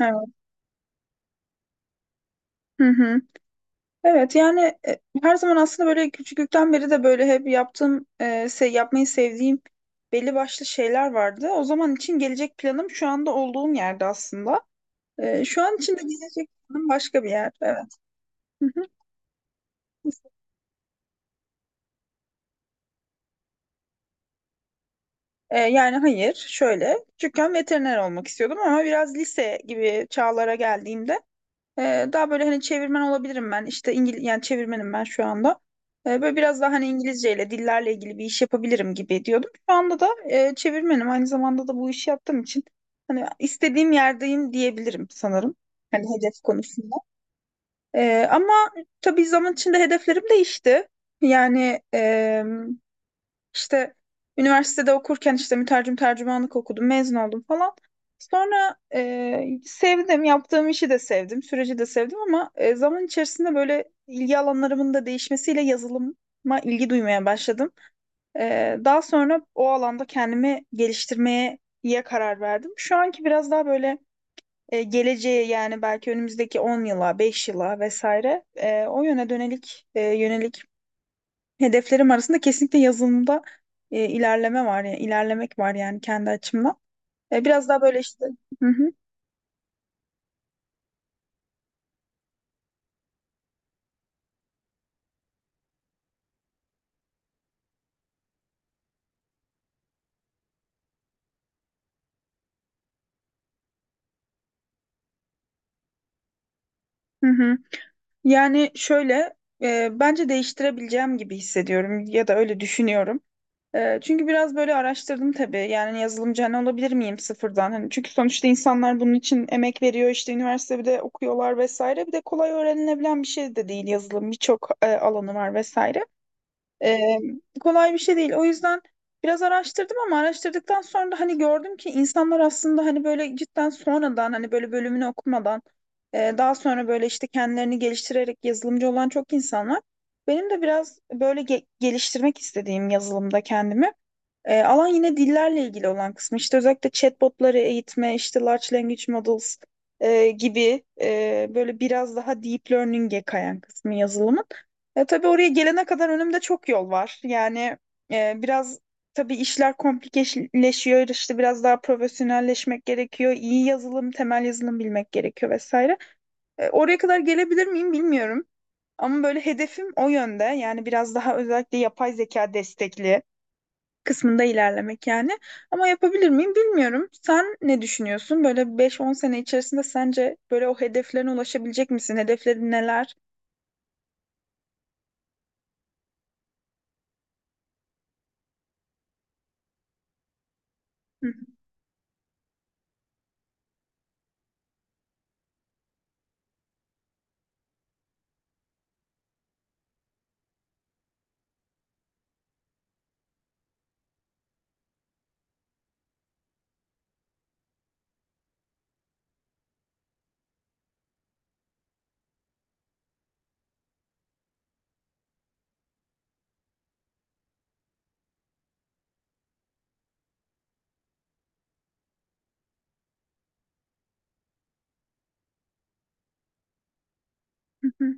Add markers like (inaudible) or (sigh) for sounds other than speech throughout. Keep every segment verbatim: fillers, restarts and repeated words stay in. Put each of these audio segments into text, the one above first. Evet. Hı hı. Evet yani e, her zaman aslında böyle küçüklükten beri de böyle hep yaptığım, e, se- yapmayı sevdiğim belli başlı şeyler vardı. O zaman için gelecek planım şu anda olduğum yerde aslında. E, şu an için de gelecek planım başka bir yer. Evet. Hı hı. E, yani hayır, şöyle küçükken veteriner olmak istiyordum ama biraz lise gibi çağlara geldiğimde Ee, daha böyle, hani, çevirmen olabilirim ben. İşte İngil yani çevirmenim ben şu anda. Ee, böyle biraz daha, hani, İngilizceyle, dillerle ilgili bir iş yapabilirim gibi diyordum. Şu anda da e, çevirmenim. Aynı zamanda da bu işi yaptığım için hani istediğim yerdeyim diyebilirim sanırım. Hani hedef konusunda. Ee, ama tabii zaman içinde hedeflerim değişti. Yani işte üniversitede okurken işte mütercim tercümanlık okudum, mezun oldum falan. Sonra e, sevdim, yaptığım işi de sevdim, süreci de sevdim ama e, zaman içerisinde böyle ilgi alanlarımın da değişmesiyle yazılıma ilgi duymaya başladım. E, daha sonra o alanda kendimi geliştirmeye ya karar verdim. Şu anki biraz daha böyle e, geleceğe, yani belki önümüzdeki on yıla, beş yıla vesaire, e, o yöne dönelik e, yönelik hedeflerim arasında kesinlikle yazılımda e, ilerleme var, yani ilerlemek var yani kendi açımdan. E, biraz daha böyle işte. Hı hı. Hı hı. Yani şöyle, e, bence değiştirebileceğim gibi hissediyorum ya da öyle düşünüyorum. E, çünkü biraz böyle araştırdım tabii, yani yazılımcı hani olabilir miyim sıfırdan? Hani çünkü sonuçta insanlar bunun için emek veriyor, işte üniversitede okuyorlar vesaire, bir de kolay öğrenilebilen bir şey de değil yazılım, birçok e, alanı var vesaire. Ee, kolay bir şey değil. O yüzden biraz araştırdım ama araştırdıktan sonra da hani gördüm ki insanlar aslında hani böyle cidden sonradan, hani böyle bölümünü okumadan, e, daha sonra böyle işte kendilerini geliştirerek yazılımcı olan çok insan var. Benim de biraz böyle ge- geliştirmek istediğim yazılımda kendimi. E, alan yine dillerle ilgili olan kısmı. İşte özellikle chatbotları eğitme, işte large language models e, gibi e, böyle biraz daha deep learning'e kayan kısmı yazılımın. E, tabii oraya gelene kadar önümde çok yol var. Yani e, biraz, tabii, işler komplikeleşiyor. İşte biraz daha profesyonelleşmek gerekiyor. İyi yazılım, temel yazılım bilmek gerekiyor vesaire. E, oraya kadar gelebilir miyim bilmiyorum. Ama böyle hedefim o yönde. Yani biraz daha özellikle yapay zeka destekli kısmında ilerlemek yani. Ama yapabilir miyim bilmiyorum. Sen ne düşünüyorsun? Böyle beş on sene içerisinde sence böyle o hedeflerine ulaşabilecek misin? Hedeflerin neler? Hı hı hı.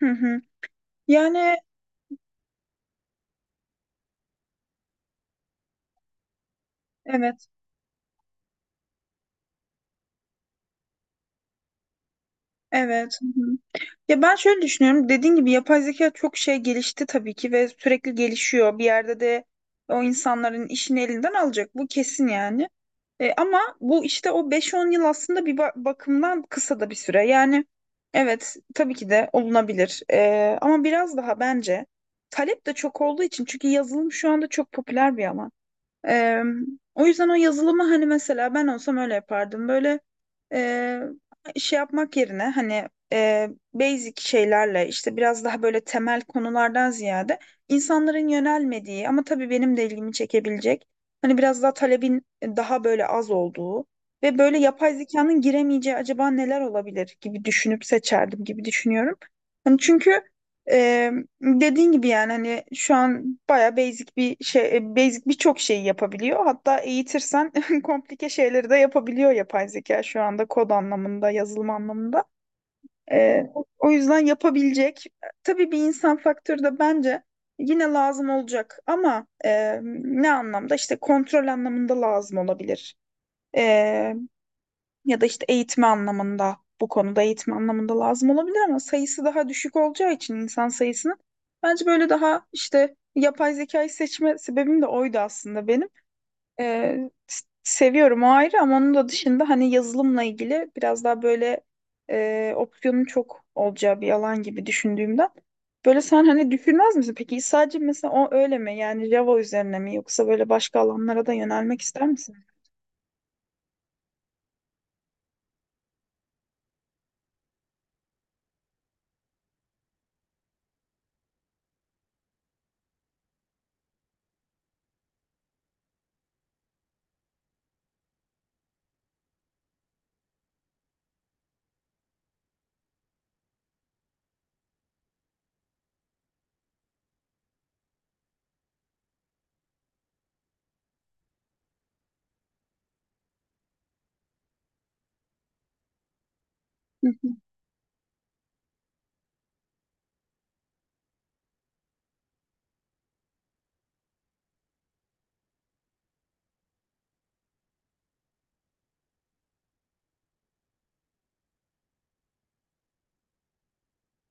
Hı hı. Hı. Yani evet, evet. Ya ben şöyle düşünüyorum. Dediğin gibi yapay zeka çok şey gelişti tabii ki ve sürekli gelişiyor. Bir yerde de o insanların işini elinden alacak. Bu kesin yani. E, ama bu işte o beş on yıl aslında bir ba- bakımdan kısa da bir süre. Yani evet tabii ki de olunabilir. E, ama biraz daha bence, talep de çok olduğu için, çünkü yazılım şu anda çok popüler bir alan. Eee, o yüzden o yazılımı hani, mesela ben olsam öyle yapardım. Böyle eee, şey yapmak yerine, hani, eee, basic şeylerle, işte biraz daha böyle temel konulardan ziyade insanların yönelmediği ama tabii benim de ilgimi çekebilecek, hani biraz daha talebin daha böyle az olduğu ve böyle yapay zekanın giremeyeceği acaba neler olabilir gibi düşünüp seçerdim gibi düşünüyorum. Hani çünkü ee, dediğin gibi, yani, hani şu an baya basic bir şey, e, basic birçok şeyi yapabiliyor. Hatta eğitirsen (laughs) komplike şeyleri de yapabiliyor yapay zeka şu anda, kod anlamında, yazılım anlamında. Ee, o yüzden yapabilecek. Tabii bir insan faktörü de bence yine lazım olacak ama e, ne anlamda? İşte kontrol anlamında lazım olabilir ya da işte eğitme anlamında, bu konuda eğitim anlamında lazım olabilir ama sayısı daha düşük olacağı için insan sayısının, bence böyle, daha işte yapay zekayı seçme sebebim de oydu aslında benim. Ee, s- seviyorum, o ayrı, ama onun da dışında hani yazılımla ilgili biraz daha böyle e, opsiyonun çok olacağı bir alan gibi düşündüğümden. Böyle, sen hani düşünmez misin? Peki sadece mesela o öyle mi? Yani Java üzerine mi, yoksa böyle başka alanlara da yönelmek ister misin? Hı hı.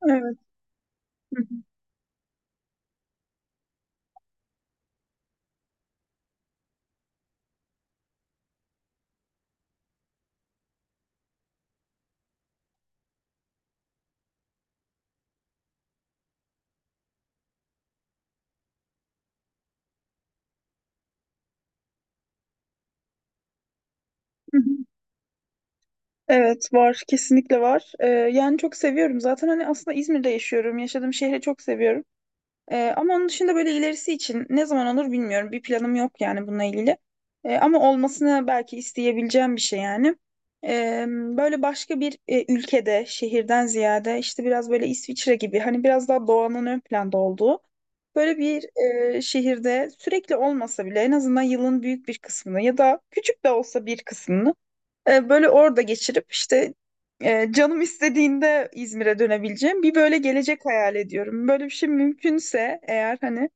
(laughs) Evet. Hı hı. Hı hı. Evet, var, kesinlikle var. Ee, yani çok seviyorum zaten, hani, aslında İzmir'de yaşıyorum, yaşadığım şehri çok seviyorum. Ee, ama onun dışında böyle ilerisi için ne zaman olur bilmiyorum, bir planım yok yani bununla ilgili. Ee, ama olmasını belki isteyebileceğim bir şey yani. Ee, böyle başka bir e, ülkede, şehirden ziyade, işte biraz böyle İsviçre gibi, hani biraz daha doğanın ön planda olduğu böyle bir e, şehirde, sürekli olmasa bile en azından yılın büyük bir kısmını ya da küçük de olsa bir kısmını e, böyle orada geçirip, işte, e, canım istediğinde İzmir'e dönebileceğim bir böyle gelecek hayal ediyorum. Böyle bir şey mümkünse eğer hani,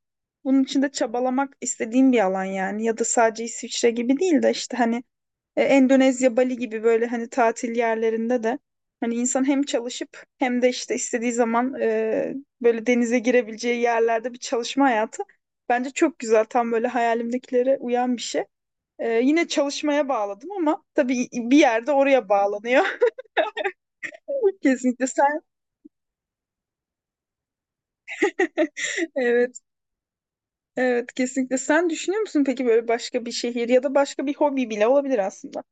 bunun için de çabalamak istediğim bir alan yani. Ya da sadece İsviçre gibi değil de, işte hani, e, Endonezya, Bali gibi böyle hani tatil yerlerinde de, hani insan hem çalışıp hem de işte istediği zaman e, böyle denize girebileceği yerlerde bir çalışma hayatı bence çok güzel, tam böyle hayalimdekilere uyan bir şey. Ee, yine çalışmaya bağladım ama tabii bir yerde oraya bağlanıyor. (laughs) Kesinlikle sen. (laughs) Evet, evet, kesinlikle. Sen düşünüyor musun peki, böyle başka bir şehir ya da başka bir hobi bile olabilir aslında.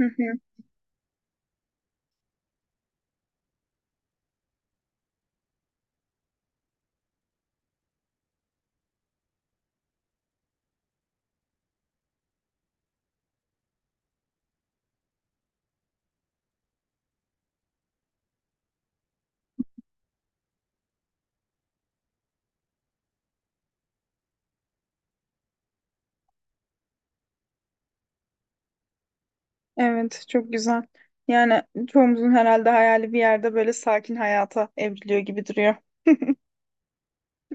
Hı hı. Evet, çok güzel. Yani çoğumuzun herhalde hayali bir yerde böyle sakin hayata evriliyor gibi duruyor.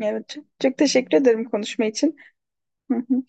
Evet, çok, çok teşekkür ederim konuşma için. Hı hı.